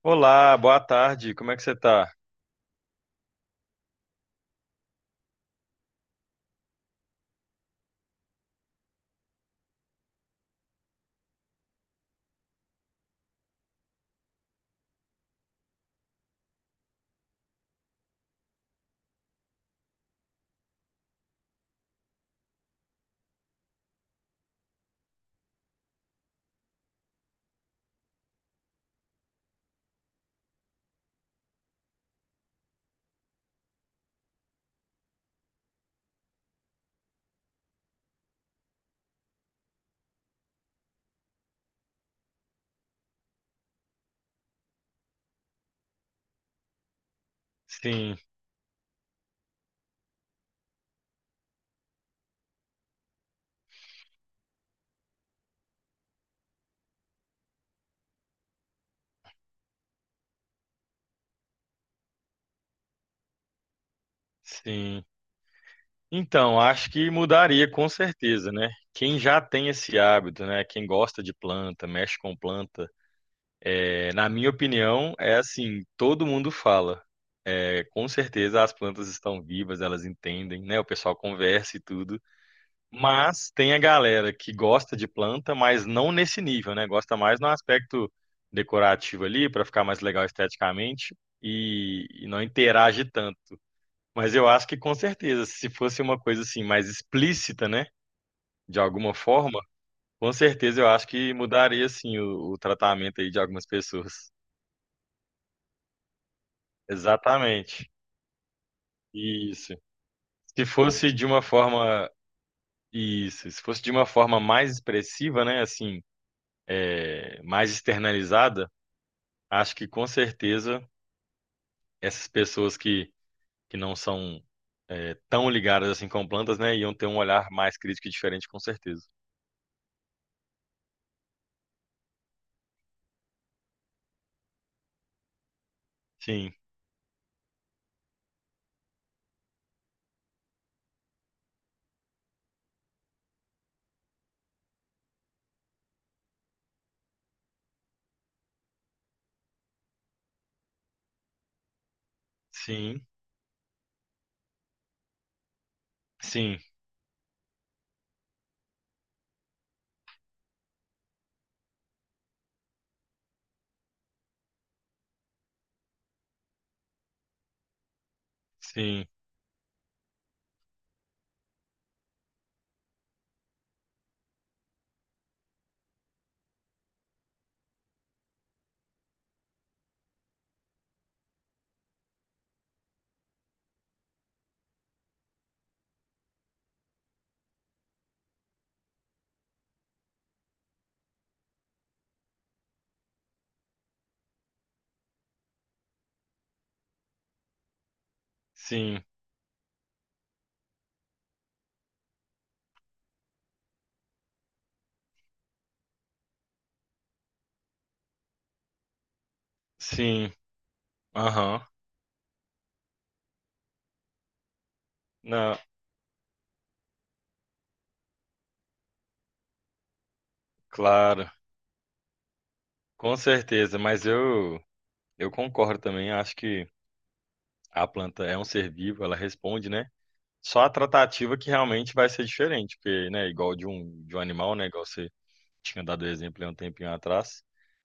Olá, boa tarde, como é que você tá? Sim, sim. Então, acho que mudaria com certeza, né? Quem já tem esse hábito, né? Quem gosta de planta, mexe com planta, é, na minha opinião, é assim, todo mundo fala. É, com certeza as plantas estão vivas, elas entendem, né? O pessoal conversa e tudo. Mas tem a galera que gosta de planta, mas não nesse nível, né? Gosta mais no aspecto decorativo ali, para ficar mais legal esteticamente. E, não interage tanto. Mas eu acho que com certeza, se fosse uma coisa assim mais explícita, né, de alguma forma, com certeza eu acho que mudaria assim o tratamento aí de algumas pessoas. Exatamente. Isso. Se fosse de uma forma isso, se fosse de uma forma mais expressiva, né, assim, é, mais externalizada, acho que com certeza essas pessoas que não são é, tão ligadas assim com plantas, né, iam ter um olhar mais crítico e diferente, com certeza. Sim, sim, sim. Sim, sim, sim. Aham. Não, claro, com certeza, mas eu concordo também, acho que a planta é um ser vivo, ela responde, né? Só a tratativa que realmente vai ser diferente, porque, né, igual de um animal, né, igual você tinha dado o exemplo há um tempinho atrás,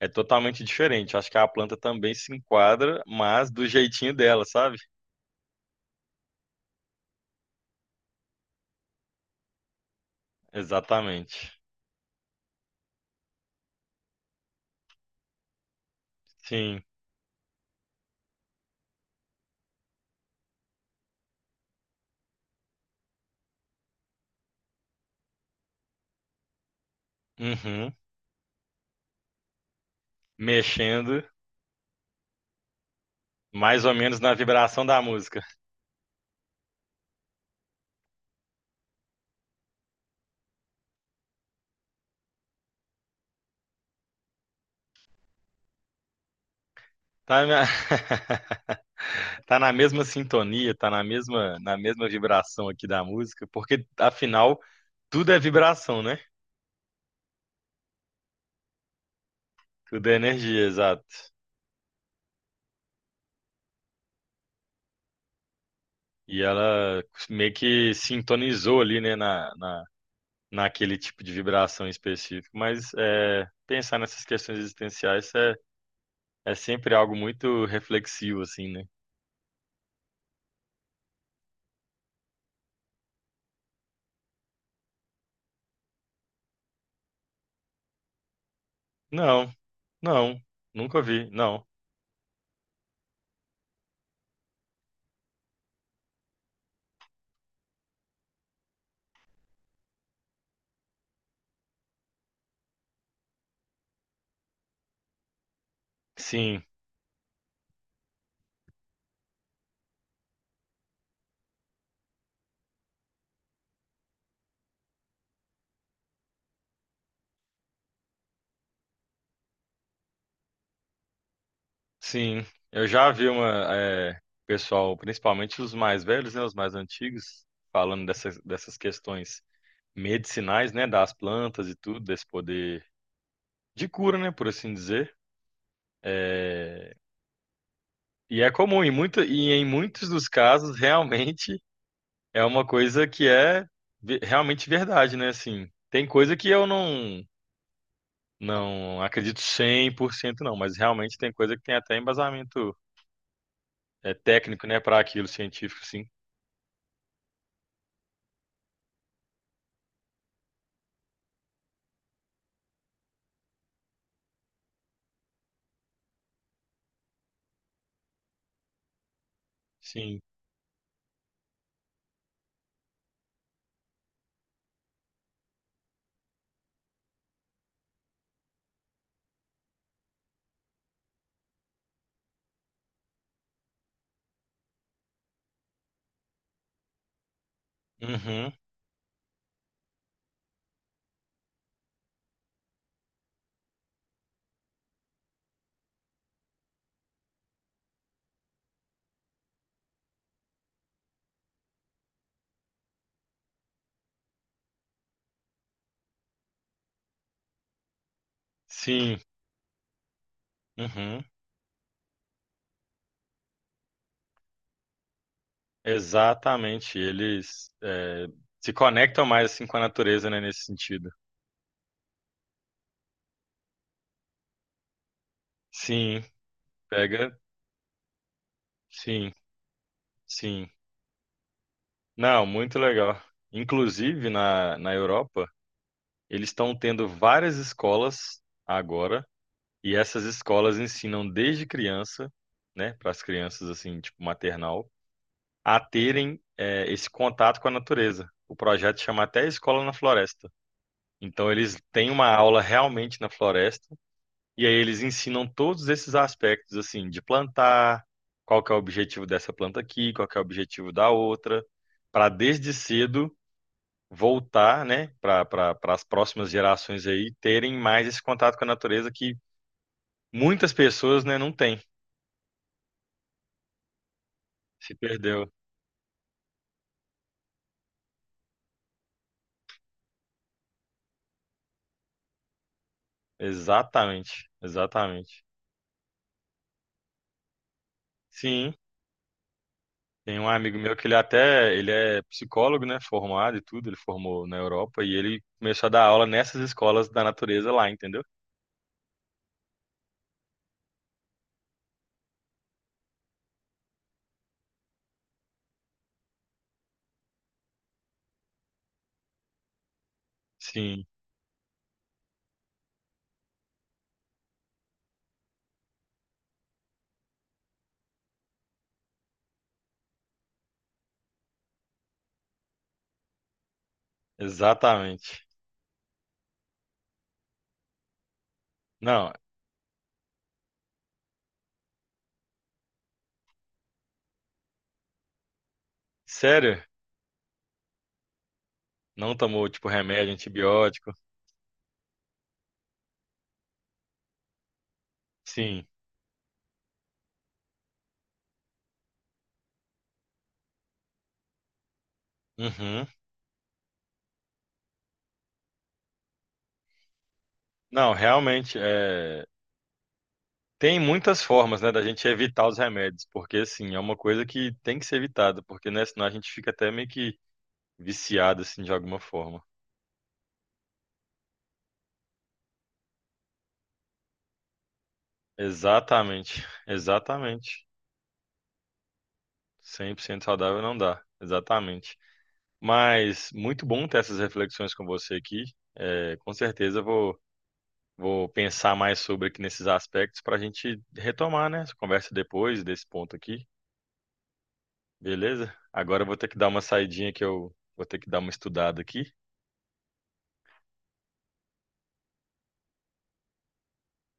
é totalmente diferente. Acho que a planta também se enquadra, mas do jeitinho dela, sabe? Exatamente. Sim. Uhum. Mexendo mais ou menos na vibração da música. Tá, minha... Tá na mesma sintonia, tá na mesma vibração aqui da música, porque afinal tudo é vibração, né? Tudo é energia, exato. E ela meio que sintonizou ali, né, na, naquele tipo de vibração específico. Mas é, pensar nessas questões existenciais é, é sempre algo muito reflexivo, assim, né? Não, não, nunca vi, não. Sim, sim, eu já vi uma, é, pessoal, principalmente os mais velhos, né, os mais antigos, falando dessas, dessas questões medicinais, né, das plantas e tudo, desse poder de cura, né, por assim dizer. É, e é comum, em muita, e em muitos dos casos, realmente é uma coisa que é ve- realmente verdade, né, assim. Tem coisa que eu não, não acredito 100% não, mas realmente tem coisa que tem até embasamento, é, técnico, né, para aquilo, científico, sim. Sim, uhum, sim, uhum, exatamente. Eles é, se conectam mais assim com a natureza, né, nesse sentido. Sim, pega, sim, sim. Não, muito legal. Inclusive na Europa, eles estão tendo várias escolas agora, e essas escolas ensinam desde criança, né, para as crianças assim, tipo maternal, a terem é, esse contato com a natureza. O projeto chama até Escola na Floresta. Então eles têm uma aula realmente na floresta e aí eles ensinam todos esses aspectos assim de plantar, qual que é o objetivo dessa planta aqui, qual que é o objetivo da outra, para desde cedo voltar, né, para as próximas gerações aí terem mais esse contato com a natureza que muitas pessoas, né, não têm, se perdeu. Exatamente, exatamente. Sim. Tem um amigo meu que ele até, ele é psicólogo, né, formado e tudo, ele formou na Europa e ele começou a dar aula nessas escolas da natureza lá, entendeu? Sim, exatamente. Não, sério? Não tomou, tipo, remédio, antibiótico? Sim. Uhum. Não, realmente, é... tem muitas formas, né, da gente evitar os remédios, porque, assim, é uma coisa que tem que ser evitada, porque, né, senão a gente fica até meio que viciado, assim, de alguma forma. Exatamente, exatamente. 100% saudável não dá, exatamente. Mas muito bom ter essas reflexões com você aqui. É, com certeza vou pensar mais sobre aqui nesses aspectos para a gente retomar, né? Essa conversa depois desse ponto aqui, beleza? Agora eu vou ter que dar uma saidinha que eu vou ter que dar uma estudada aqui.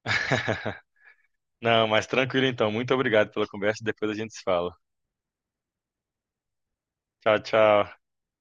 Não, mas tranquilo então. Muito obrigado pela conversa. E depois a gente se fala. Tchau, tchau.